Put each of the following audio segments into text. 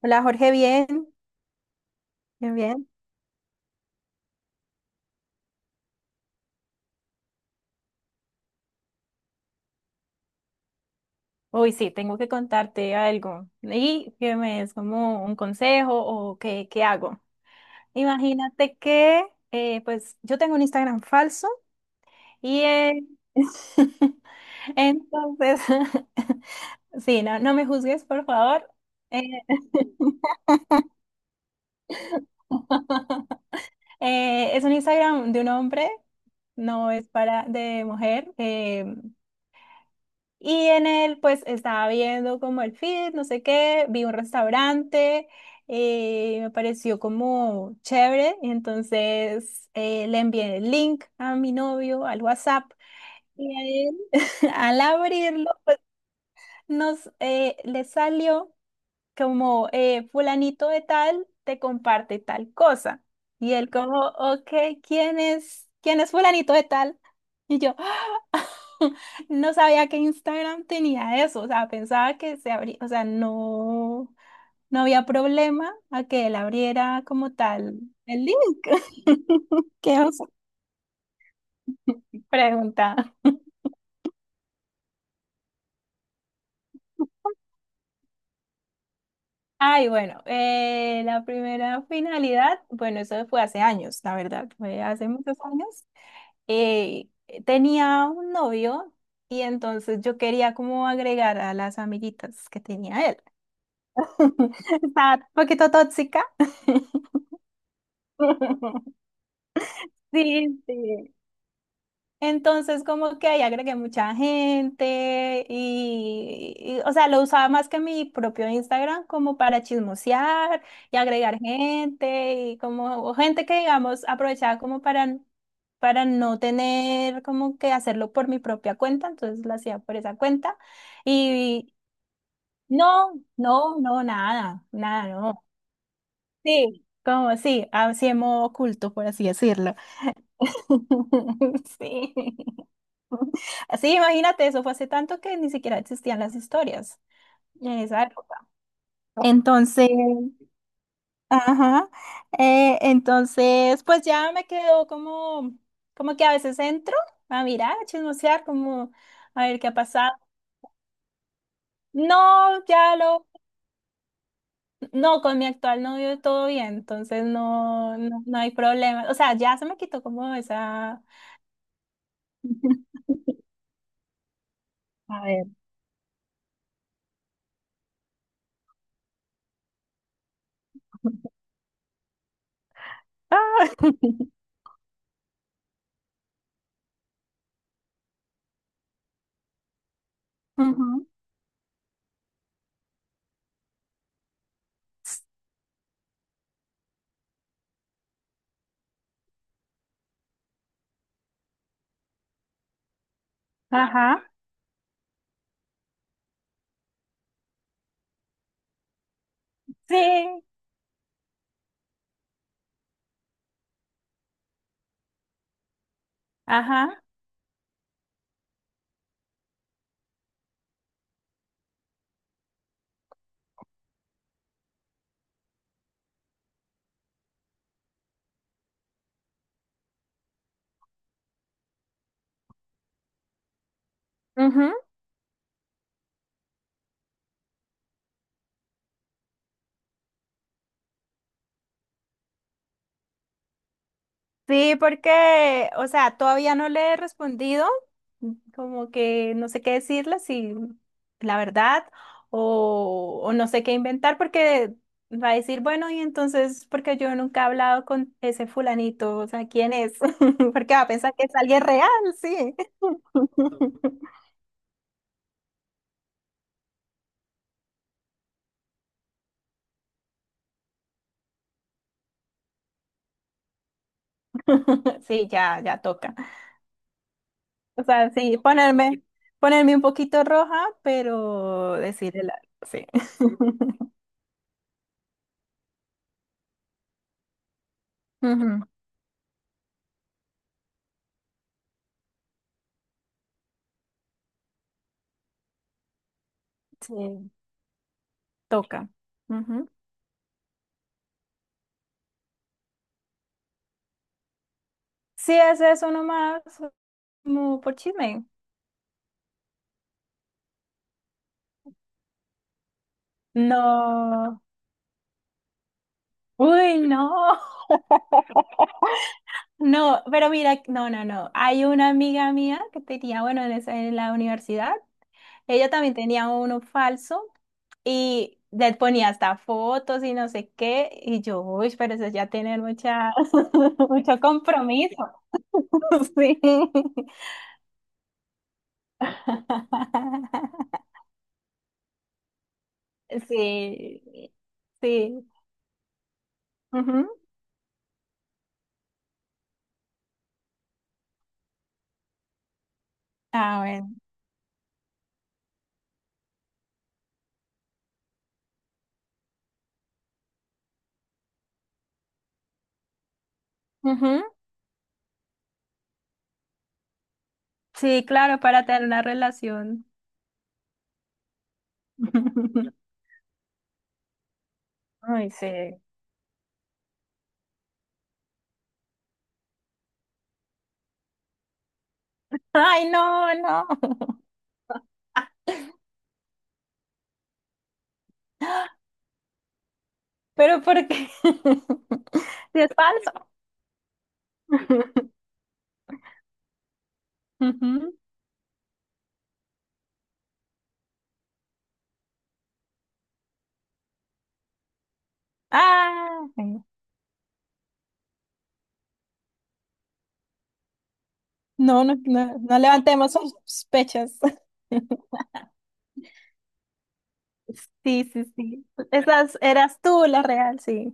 Hola Jorge, bien, bien, bien. Uy, sí, tengo que contarte algo y que me des como un consejo o qué hago. Imagínate que, pues, yo tengo un Instagram falso y entonces, sí, no, no me juzgues, por favor. Eh, es un Instagram de un hombre, no es para de mujer. Y en él, pues estaba viendo como el feed, no sé qué, vi un restaurante, me pareció como chévere, y entonces le envié el link a mi novio al WhatsApp y a él, al abrirlo, pues, nos le salió como fulanito de tal te comparte tal cosa. Y él como, ok, ¿quién es? ¿Quién es fulanito de tal? Y yo, no sabía que Instagram tenía eso, o sea, pensaba que se abría, o sea, no, no había problema a que él abriera como tal el link. ¿Qué oso? ¿Pregunta? Ay, bueno, la primera finalidad, bueno, eso fue hace años, la verdad, fue hace muchos años. Eh, tenía un novio y entonces yo quería como agregar a las amiguitas que tenía él. Estaba un poquito tóxica. Sí, sí. Entonces, como que ahí agregué mucha gente y, o sea, lo usaba más que mi propio Instagram como para chismosear y agregar gente y como o gente que, digamos, aprovechaba como para no tener como que hacerlo por mi propia cuenta, entonces lo hacía por esa cuenta y no, no, no, nada, nada, no. Sí, como sí, así en modo oculto, por así decirlo. Sí. Sí, imagínate, eso fue hace tanto que ni siquiera existían las historias en esa época. Entonces, ajá, entonces, pues ya me quedo como, como que a veces entro a mirar, a chismosear, como a ver qué ha pasado. No, ya lo, no, con mi actual novio todo bien, entonces no, no, no hay problema. O sea, ya se me quitó como esa... A ver. Ah. Ujú. Ajá, sí, ajá. Ujú. Sí, porque, o sea, todavía no le he respondido, como que no sé qué decirle, si la verdad, o no sé qué inventar, porque va a decir, bueno, y entonces, porque yo nunca he hablado con ese fulanito, o sea, ¿quién es? Porque va a pensar que es alguien real, sí. Sí, ya, ya toca. O sea, sí, ponerme, ponerme un poquito roja, pero decirle la, sí. Ujú, sí, toca. Ujú. Sí, ese es uno más, como por chisme. No. Uy, no. No, pero mira, no, no, no. Hay una amiga mía que tenía, bueno, en, esa- en la universidad, ella también tenía uno falso y le ponía hasta fotos y no sé qué. Y yo, uy, pero eso es ya tener mucha, mucho compromiso. Sí. Sí. Sí. Ujú. Ah, bueno. Ujú. Sí, claro, para tener una relación. Ay, sí. Ay, no, no. Pero ¿por qué? Si es falso. Ujú. Ah, bueno. No, no, no, no levantemos sospechas. Sí, sí, sí. Esas eras tú la real, sí.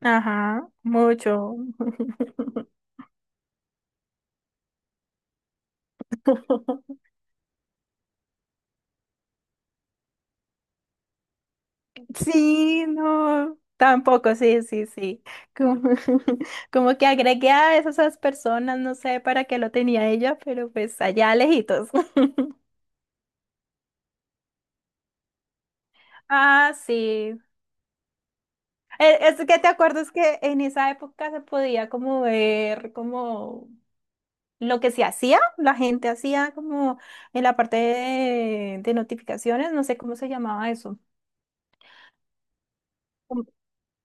Ajá, mucho. Sí, no, tampoco, sí, sí, sí. Como, como que agregué a esas personas, no sé para qué lo tenía ella, pero pues allá lejitos. Ah, sí. Es que te acuerdas que en esa época se podía como ver como lo que se hacía, la gente hacía como en la parte de notificaciones, no sé cómo se llamaba eso.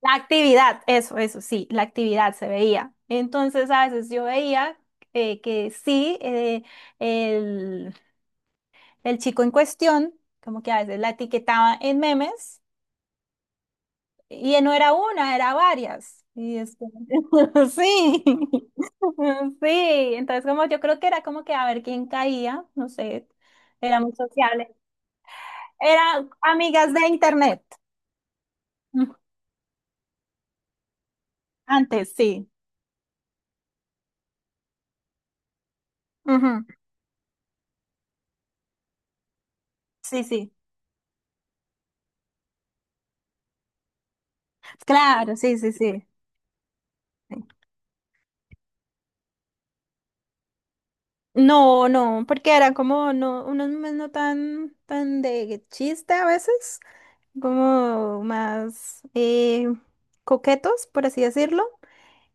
La actividad, eso, sí, la actividad se veía. Entonces, a veces yo veía que sí, el, el chico en cuestión, como que a veces la etiquetaba en memes, y no era una, era varias. Y es como- sí, sí. Entonces, como yo creo que era como que a ver quién caía, no sé, era muy sociable. Era amigas de internet. mm, antes, sí. Ujú, sí, sí. Claro, sí, sí, sí. No, no, porque eran como no, unos memes no tan, tan de chiste a veces, como más coquetos, por así decirlo.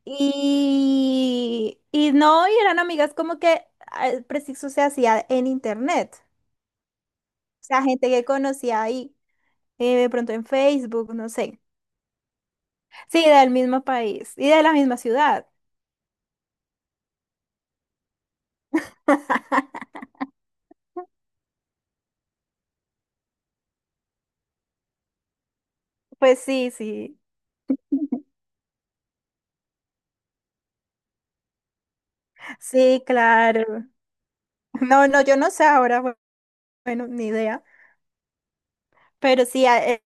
Y no, y eran amigas como que el preciso se hacía en internet. O sea, gente que conocía ahí, de pronto en Facebook, no sé. Sí, del mismo país y de la misma ciudad. Pues sí, sí, sí, claro. No, no, yo no sé ahora, bueno, ni idea. Pero sí,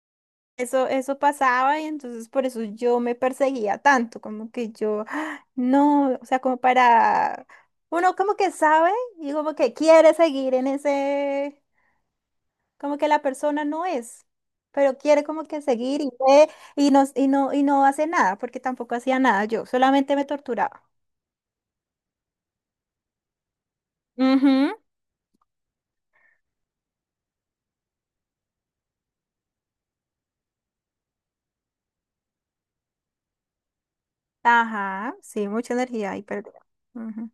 eso, eso pasaba y entonces por eso yo me perseguía tanto, como que yo, "Ah, no, o sea, como para, uno como que sabe y como que quiere seguir en ese, como que la persona no es, pero quiere como que seguir y ve y no, y no, y no hace nada, porque tampoco hacía nada yo, solamente me torturaba. Ujú, ajá, sí, mucha energía y perdida. Ujú.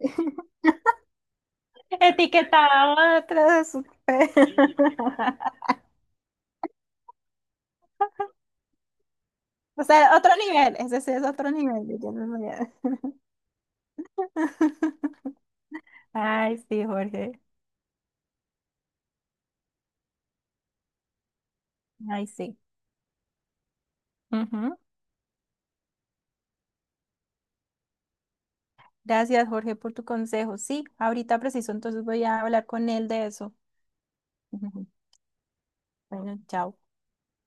Etiquetaba atrás, o sea, otro nivel, ese sí es otro nivel. Ay, sí, Jorge. Ay, sí. Ujú. Gracias, Jorge, por tu consejo. Sí, ahorita preciso, entonces voy a hablar con él de eso. Ujú. Bueno, chao.